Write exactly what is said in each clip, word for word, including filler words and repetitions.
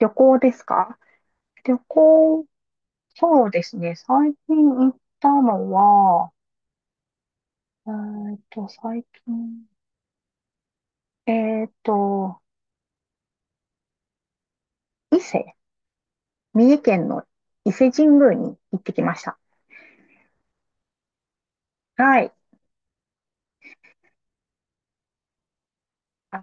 旅行ですか？旅行、そうですね。最近行ったのは、えーっと、最近、えーっと、伊勢、三重県の伊勢神宮に行ってきました。はい。あ、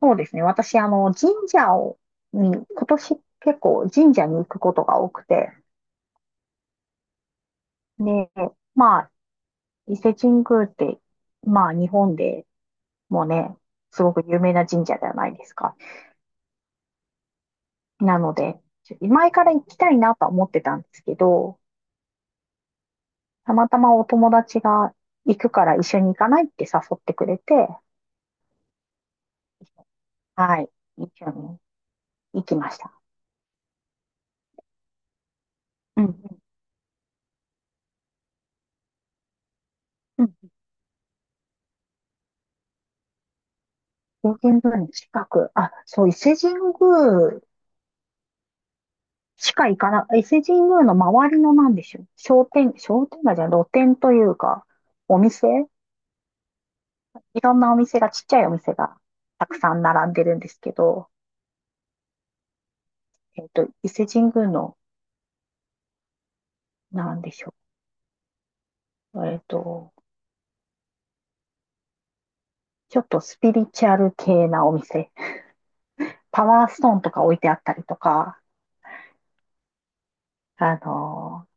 そうですね。私、あの、神社を、に、今年結構神社に行くことが多くて、ね、まあ、伊勢神宮って、まあ、日本でもね、すごく有名な神社じゃないですか。なので、前から行きたいなとは思ってたんですけど、たまたまお友達が行くから一緒に行かないって誘ってくれて、はい、一緒に行きました。うん。うん。表現部の近く、あ、そう、伊勢神宮しか行かな、伊勢神宮の周りのなんでしょう。商店、商店街じゃない露店というか、お店いろんなお店が、ちっちゃいお店がたくさん並んでるんですけど、えっと、伊勢神宮の、なんでしょう。えっと、ちょっとスピリチュアル系なお店。パワーストーンとか置いてあったりとか、あのー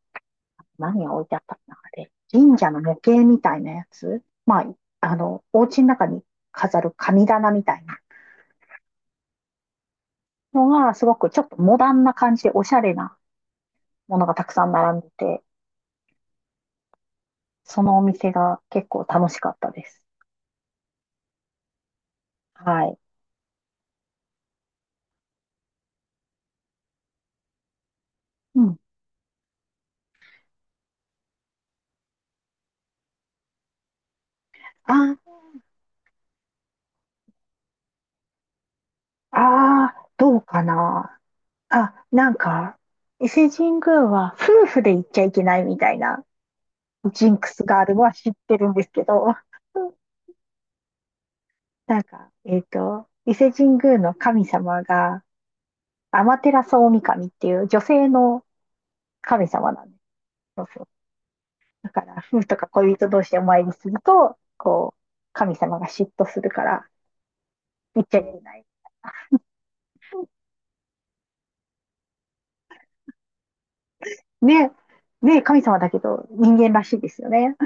何が置いてあったかなあれ。神社の模型みたいなやつ。まあ、あの、お家の中に飾る神棚みたいなのが、すごくちょっとモダンな感じでおしゃれなものがたくさん並んでて、そのお店が結構楽しかったです。はい。うん。あ、あー、どうかな。あ、なんか、伊勢神宮は夫婦で行っちゃいけないみたいなジンクスがあるのは知ってるんですけど、なんか、えっと、伊勢神宮の神様が、アマテラスオオミカミっていう女性の神様なんです。そうそう。だから、夫婦とか恋人同士でお参りすると、こう、神様が嫉妬するから、言っちゃいけない。ね、ね、神様だけど、人間らしいですよね。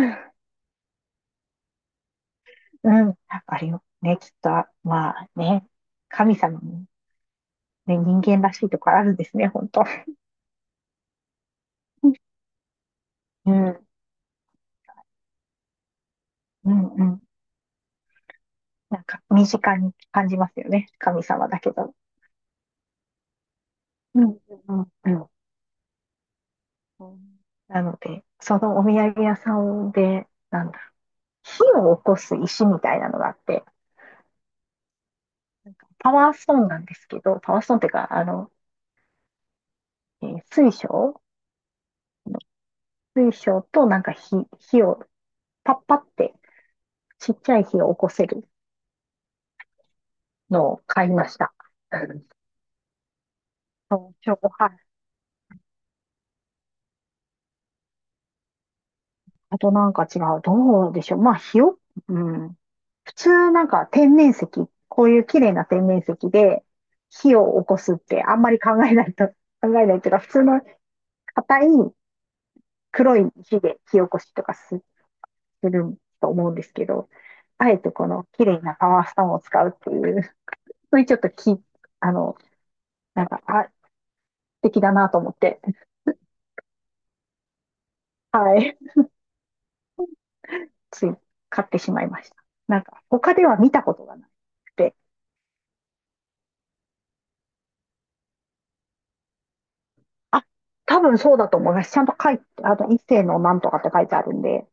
うん、やっぱりね、きっと、まあね、神様も、ね、人間らしいところあるんですね、本当。うん、うん、うん。なんか身近に感じますよね。神様だけど。うん、うん、うん。なので、そのお土産屋さんで、なんだ火を起こす石みたいなのがあって、なんかパワーストーンなんですけど、パワーストーンっていうか、あの、えー水晶水晶となんか火、火をパッパってちっちゃい火を起こせるのを買いました。うんそう、はい。あとなんか違う。どうでしょう。まあ、火を、うん。普通なんか天然石、こういう綺麗な天然石で火を起こすってあんまり考えないと、考えないっていうか、普通の硬い黒い石で火起こしとかすると思うんですけど、あえてこの綺麗なパワーストーンを使うっていう、そういうちょっとき、あの、なんか、あ、素敵だなと思って、はい、つい買ってしまいました。なんか、他では見たことがなくて、あ、多分そうだと思います。ちゃんと書いて、あと一世のなんとかって書いてあるんで、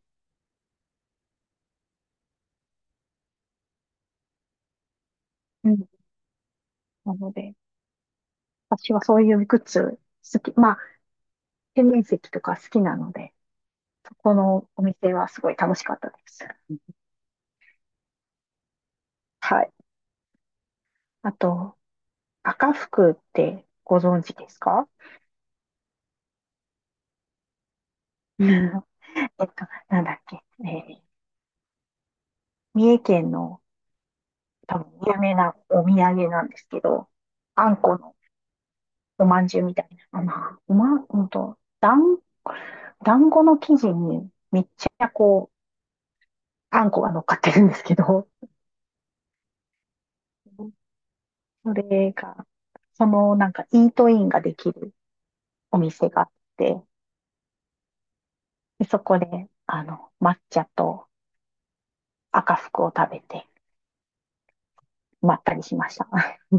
なので、私はそういうグッズ好き、まあ、天然石とか好きなので、そこのお店はすごい楽しかったです。はい。あと、赤福ってご存知ですか？うん。えっと、なんだっけ、えー三重県の多分有名なお土産なんですけど、あんこのおまんじゅうみたいな、まあ、おまん、うんと、団、団子の生地にめっちゃこう、あんこが乗っかってるんですけど、それが、そのなんかイートインができるお店があって、でそこで、あの、抹茶と赤福を食べて、まったりしました。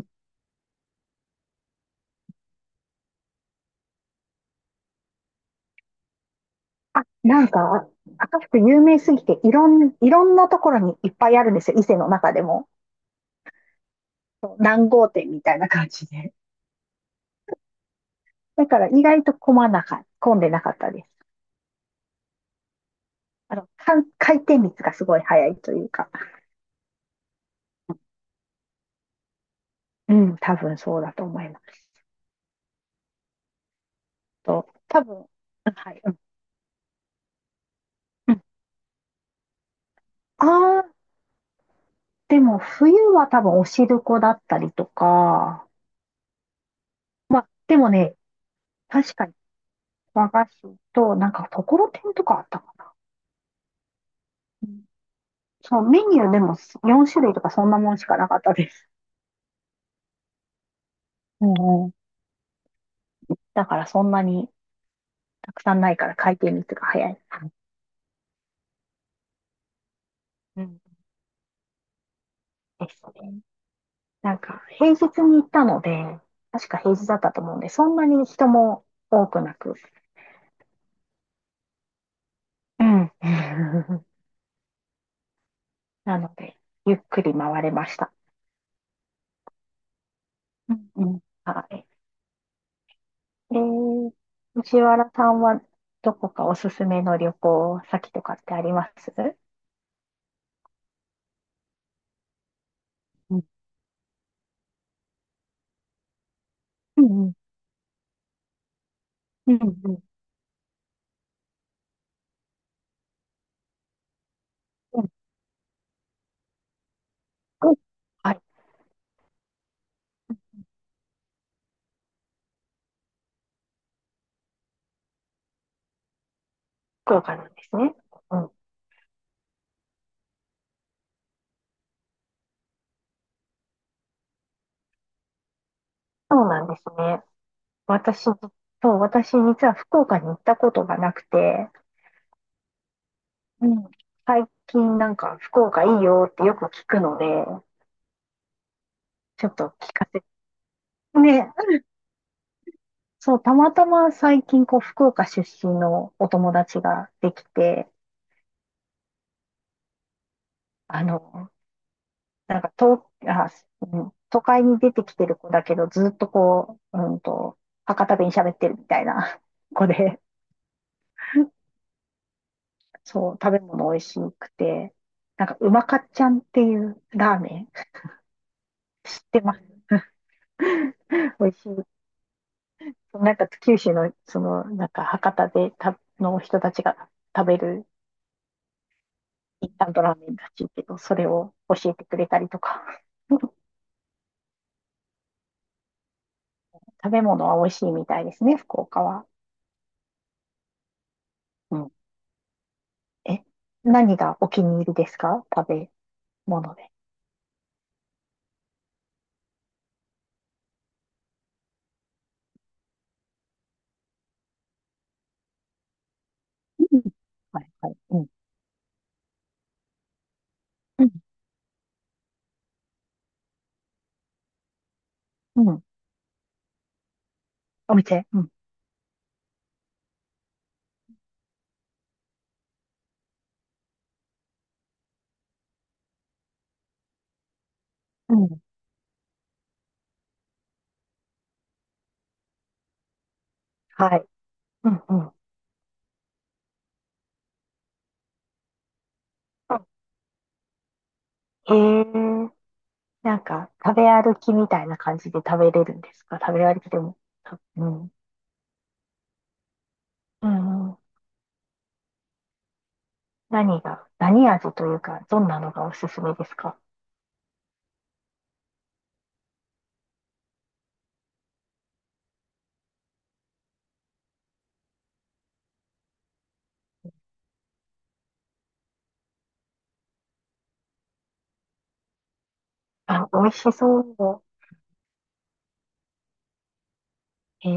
あ、なんか、赤福有名すぎて、いろん、いろんなところにいっぱいあるんですよ。伊勢の中でも。そう何号店みたいな感じで。だから意外と混まなか、混んでなかったです。あの、かん回転率がすごい早いというか。うん、多分そうだと思います。と、多分、はい。うん、うん。あ、でも、冬は多分おしるこだったりとか、まあ、でもね、確かに和菓子と、なんか、ところてんとかあったかな。うんそう、メニューでもよん種類とかそんなもんしかなかったです。うん、うん。だからそんなにたくさんないから回転率が早いうんですね。なんか、平日に行ったので、確か平日だったと思うんで、そんなに人も多くなく、うん。なので、ゆっくり回れました。うん、うん。はい。えー、藤原さんはどこかおすすめの旅行先とかってありますうん、うん、うん、うん、うん、うん。福あ、福岡なんですね。うん、そうなんですね。私、そう、私実は福岡に行ったことがなくて、うん、最近なんか福岡いいよってよく聞くので、ちょっと聞かせて。ね、そう、たまたま最近こう福岡出身のお友達ができて、あの、なんか、と、あ、うん、都会に出てきてる子だけど、ずっとこう、うんと、博多弁喋ってるみたいな 子で、そう、食べ物美味しくて、なんか、うまかっちゃんっていうラーメン 知ってます？美味しい。なんか、九州の、その、なんか、博多でた、の人たちが食べるインスタントラーメンらしいけど、それを教えてくれたりとか、食べ物は美味しいみたいですね、福岡は。うん。え、何がお気に入りですか？食べもので。うん。はい、はい。うん。うん、うん。お店。うん。うん。はい。うん、うん。あ、へえ。なんか、食べ歩きみたいな感じで食べれるんですか？食べ歩きでも。たうん。うん、うん。何が、何味というか、どんなのがおすすめですか？あ、美味しそう。へ